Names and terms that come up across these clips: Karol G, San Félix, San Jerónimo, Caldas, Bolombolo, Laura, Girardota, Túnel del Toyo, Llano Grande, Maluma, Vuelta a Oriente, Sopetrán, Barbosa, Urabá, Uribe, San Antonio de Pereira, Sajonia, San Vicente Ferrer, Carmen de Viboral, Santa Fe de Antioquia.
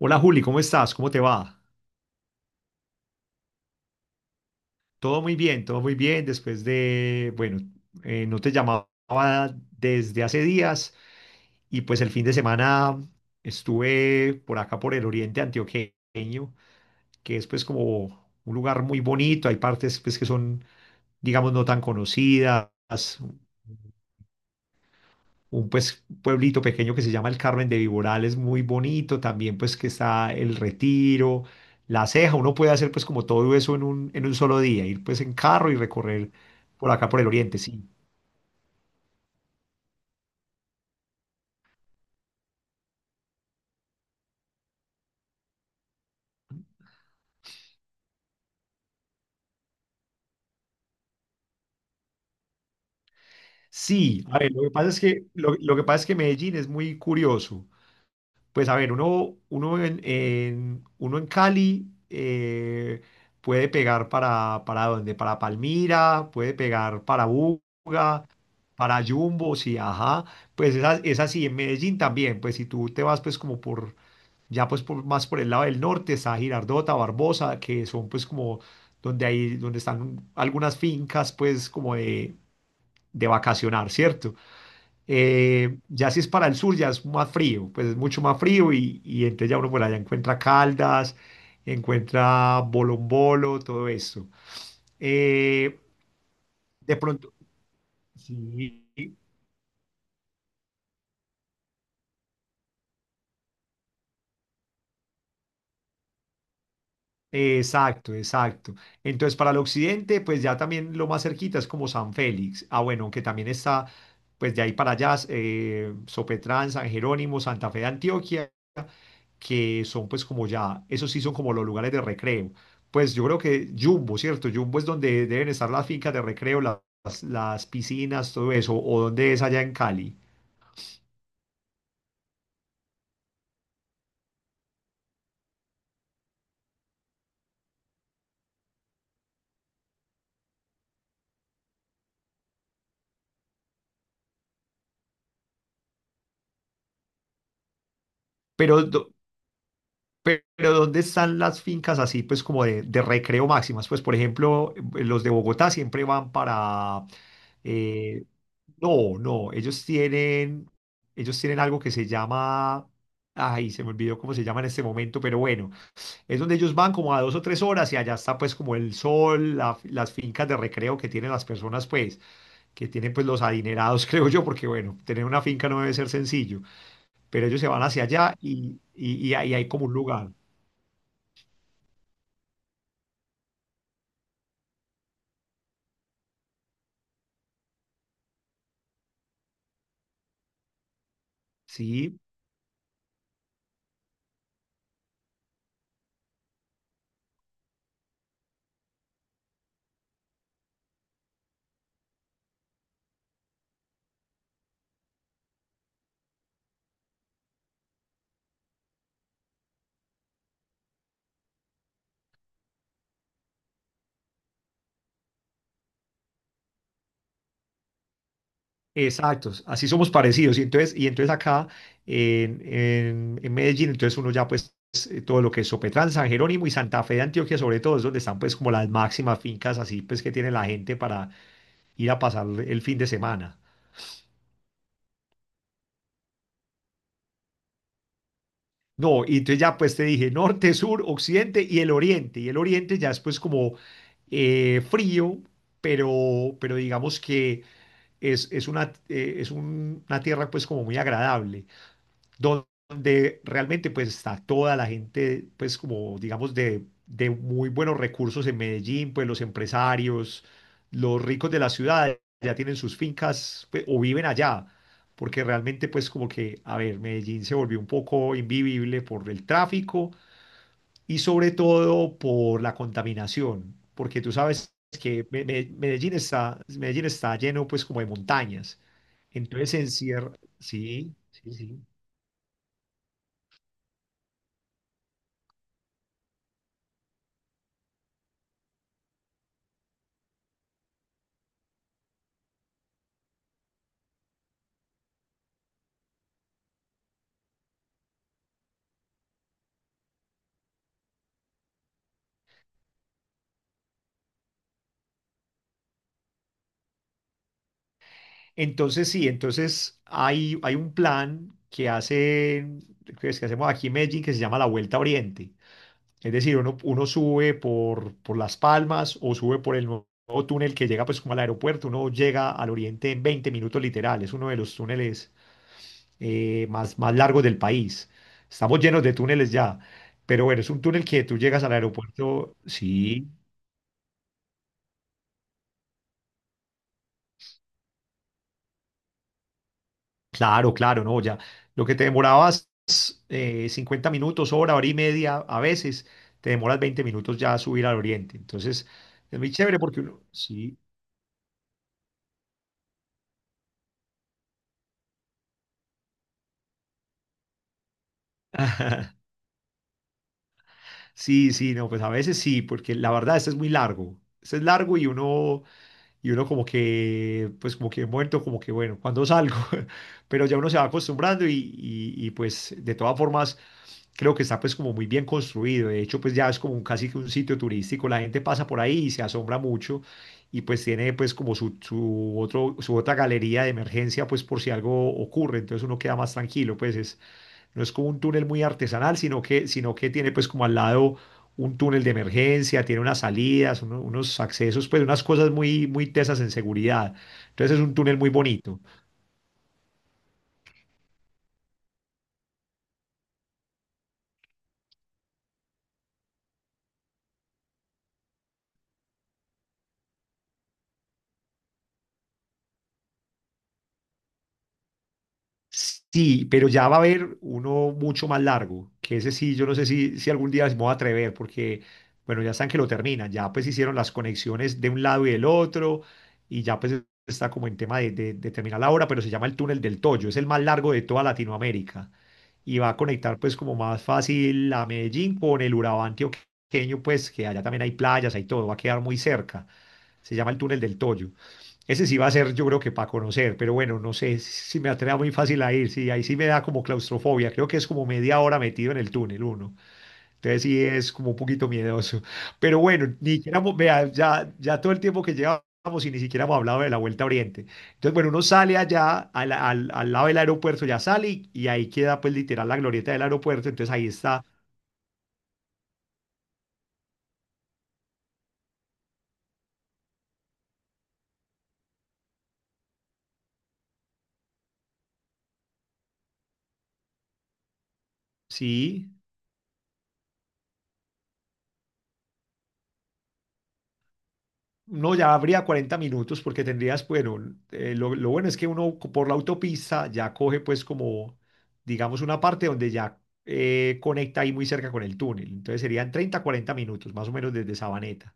Hola Juli, ¿cómo estás? ¿Cómo te va? Todo muy bien, todo muy bien. Después de, bueno, no te llamaba desde hace días y pues el fin de semana estuve por acá por el oriente antioqueño, que es pues como un lugar muy bonito. Hay partes pues que son, digamos, no tan conocidas, un, pues, pueblito pequeño que se llama el Carmen de Viborales, muy bonito, también pues que está El Retiro, La Ceja, uno puede hacer pues como todo eso en un solo día, ir pues en carro y recorrer por acá por el oriente, sí. Sí, a ver, lo que pasa es que Medellín es muy curioso. Pues a ver, uno en Cali, puede pegar para dónde, para Palmira, puede pegar para Buga, para Jumbo, sí, ajá, pues es, es así, en Medellín también. Pues si tú te vas pues como por, ya pues por, más por el lado del norte, está Girardota, Barbosa, que son pues como donde hay, donde están algunas fincas pues como de vacacionar, ¿cierto? Ya si es para el sur, ya es más frío, pues es mucho más frío, y entonces ya uno por allá encuentra Caldas, encuentra Bolombolo, todo esto. Eh, de pronto, sí. Exacto, exacto. Entonces, para el occidente, pues ya también lo más cerquita es como San Félix. Ah, bueno, que también está, pues de ahí para allá, Sopetrán, San Jerónimo, Santa Fe de Antioquia, que son pues como ya, esos sí son como los lugares de recreo. Pues yo creo que Jumbo, ¿cierto? Jumbo es donde deben estar las fincas de recreo, las, piscinas, todo eso, o donde es allá en Cali. Pero do- Pero ¿dónde están las fincas así, pues como de, recreo máximas? Pues, por ejemplo, los de Bogotá siempre van para... eh, no, no, ellos tienen algo que se llama... Ay, se me olvidó cómo se llama en este momento, pero bueno, es donde ellos van como a 2 o 3 horas y allá está pues como el sol, las fincas de recreo que tienen las personas, pues, que tienen pues los adinerados, creo yo, porque bueno, tener una finca no debe ser sencillo, pero ellos se van hacia allá y ahí hay como un lugar, ¿sí? Exactos, así somos parecidos. Y entonces acá en Medellín, entonces uno ya pues, todo lo que es Sopetrán, San Jerónimo y Santa Fe de Antioquia, sobre todo, es donde están pues como las máximas fincas así pues que tiene la gente para ir a pasar el fin de semana. No, y entonces ya pues te dije norte, sur, occidente y el oriente. Y el oriente ya es pues como, frío, pero, digamos que es una tierra pues como muy agradable donde realmente pues está toda la gente, pues como digamos de muy buenos recursos en Medellín, pues los empresarios, los ricos de la ciudad ya tienen sus fincas pues, o viven allá, porque realmente pues como que, a ver, Medellín se volvió un poco invivible por el tráfico y sobre todo por la contaminación, porque tú sabes que Medellín está lleno pues como de montañas, entonces encierra, sí, sí, sí. Entonces sí, entonces hay un plan que es que hacemos aquí en Medellín que se llama la Vuelta a Oriente. Es decir, uno sube por Las Palmas, o sube por el nuevo túnel que llega pues como al aeropuerto. Uno llega al Oriente en 20 minutos literal. Es uno de los túneles, más largos del país. Estamos llenos de túneles ya. Pero bueno, es un túnel que tú llegas al aeropuerto. Sí, claro, claro, no, ya. Lo que te demorabas 50 minutos, hora, hora y media, a veces te demoras 20 minutos ya a subir al oriente. Entonces, es muy chévere porque uno, sí. Sí, sí, no, pues a veces sí, porque la verdad, este es muy largo. Este es largo y uno como que, pues como que muerto, como que bueno, ¿cuándo salgo? Pero ya uno se va acostumbrando y, pues de todas formas creo que está pues como muy bien construido. De hecho, pues ya es como casi que un sitio turístico. La gente pasa por ahí y se asombra mucho, y pues tiene pues como su, su otra galería de emergencia pues por si algo ocurre. Entonces uno queda más tranquilo, pues es no es como un túnel muy artesanal, sino que tiene pues como al lado un túnel de emergencia, tiene unas salidas, unos accesos, pues unas cosas muy, muy tesas en seguridad. Entonces es un túnel muy bonito. Sí, pero ya va a haber uno mucho más largo, que ese sí, yo no sé si algún día me voy a atrever, porque, bueno, ya están que lo terminan, ya pues hicieron las conexiones de un lado y del otro, y ya pues está como en tema de terminar la obra, pero se llama el Túnel del Toyo, es el más largo de toda Latinoamérica, y va a conectar pues como más fácil a Medellín con el Urabá antioqueño, pues que allá también hay playas, hay todo, va a quedar muy cerca. Se llama el Túnel del Toyo. Ese sí va a ser, yo creo que para conocer, pero bueno, no sé si me atreva muy fácil a ir, sí, ahí sí me da como claustrofobia. Creo que es como media hora metido en el túnel uno, entonces sí es como un poquito miedoso, pero bueno, ni siquiera, vea, ya todo el tiempo que llevamos y ni siquiera hemos hablado de la Vuelta a Oriente. Entonces bueno, uno sale allá al lado del aeropuerto, ya sale y ahí queda pues literal la glorieta del aeropuerto, entonces ahí está, sí. No, ya habría 40 minutos porque tendrías, bueno, lo, bueno es que uno por la autopista ya coge pues como, digamos, una parte donde ya conecta ahí muy cerca con el túnel. Entonces serían 30, 40 minutos más o menos desde Sabaneta.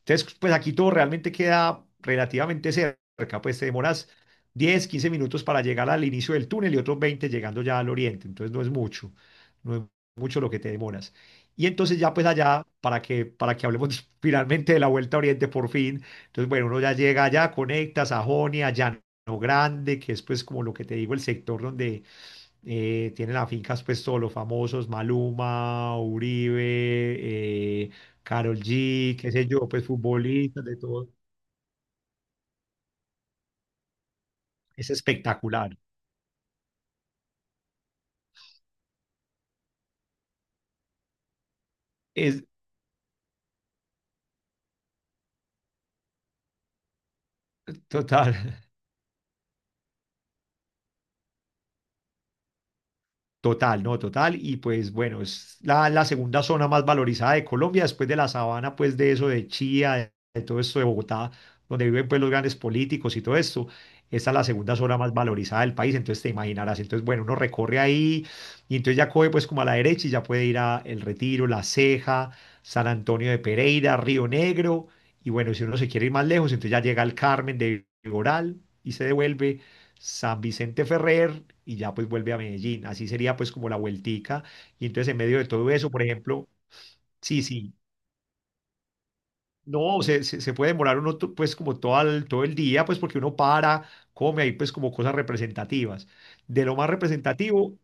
Entonces, pues aquí todo realmente queda relativamente cerca, pues te demoras 10, 15 minutos para llegar al inicio del túnel y otros 20 llegando ya al oriente. Entonces no es mucho, no es mucho lo que te demoras. Y entonces ya pues allá, para que hablemos finalmente de la Vuelta a Oriente por fin. Entonces bueno, uno ya llega allá, conecta Sajonia, Llano Grande, que es pues como lo que te digo, el sector donde, tienen las fincas pues todos los famosos, Maluma, Uribe, eh, Karol G, qué sé yo, pues futbolistas de todo, es espectacular, es total. Total, no, total. Y pues bueno, es la, segunda zona más valorizada de Colombia, después de la sabana, pues de eso, de Chía, de todo esto de Bogotá, donde viven pues los grandes políticos y todo esto. Esta es la segunda zona más valorizada del país, entonces te imaginarás. Entonces, bueno, uno recorre ahí, y entonces ya coge pues como a la derecha y ya puede ir a El Retiro, La Ceja, San Antonio de Pereira, Río Negro. Y bueno, si uno se quiere ir más lejos, entonces ya llega al Carmen de Viboral y se devuelve San Vicente Ferrer, y ya pues vuelve a Medellín. Así sería pues como la vueltica. Y entonces en medio de todo eso, por ejemplo, sí, sí, no, se puede demorar uno, pues como todo el día, pues porque uno para, come ahí pues como cosas representativas. De lo más representativo,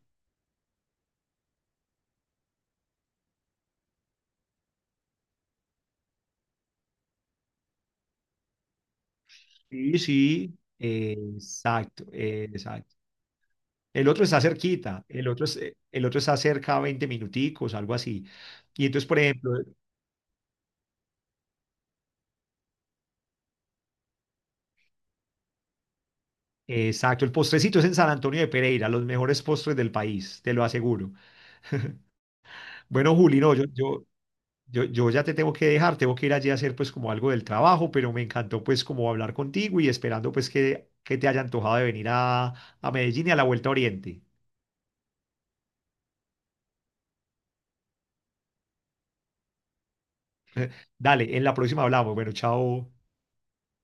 sí, sí, exacto, exacto. El otro está cerquita, el otro, el otro está cerca, 20 minuticos, algo así. Y entonces, por ejemplo, exacto, el postrecito es en San Antonio de Pereira, los mejores postres del país, te lo aseguro. Bueno, Juli, no, yo ya te tengo que dejar, tengo que ir allí a hacer pues como algo del trabajo, pero me encantó pues como hablar contigo, y esperando pues que te haya antojado de venir a Medellín y a la Vuelta a Oriente. Dale, en la próxima hablamos. Bueno, chao.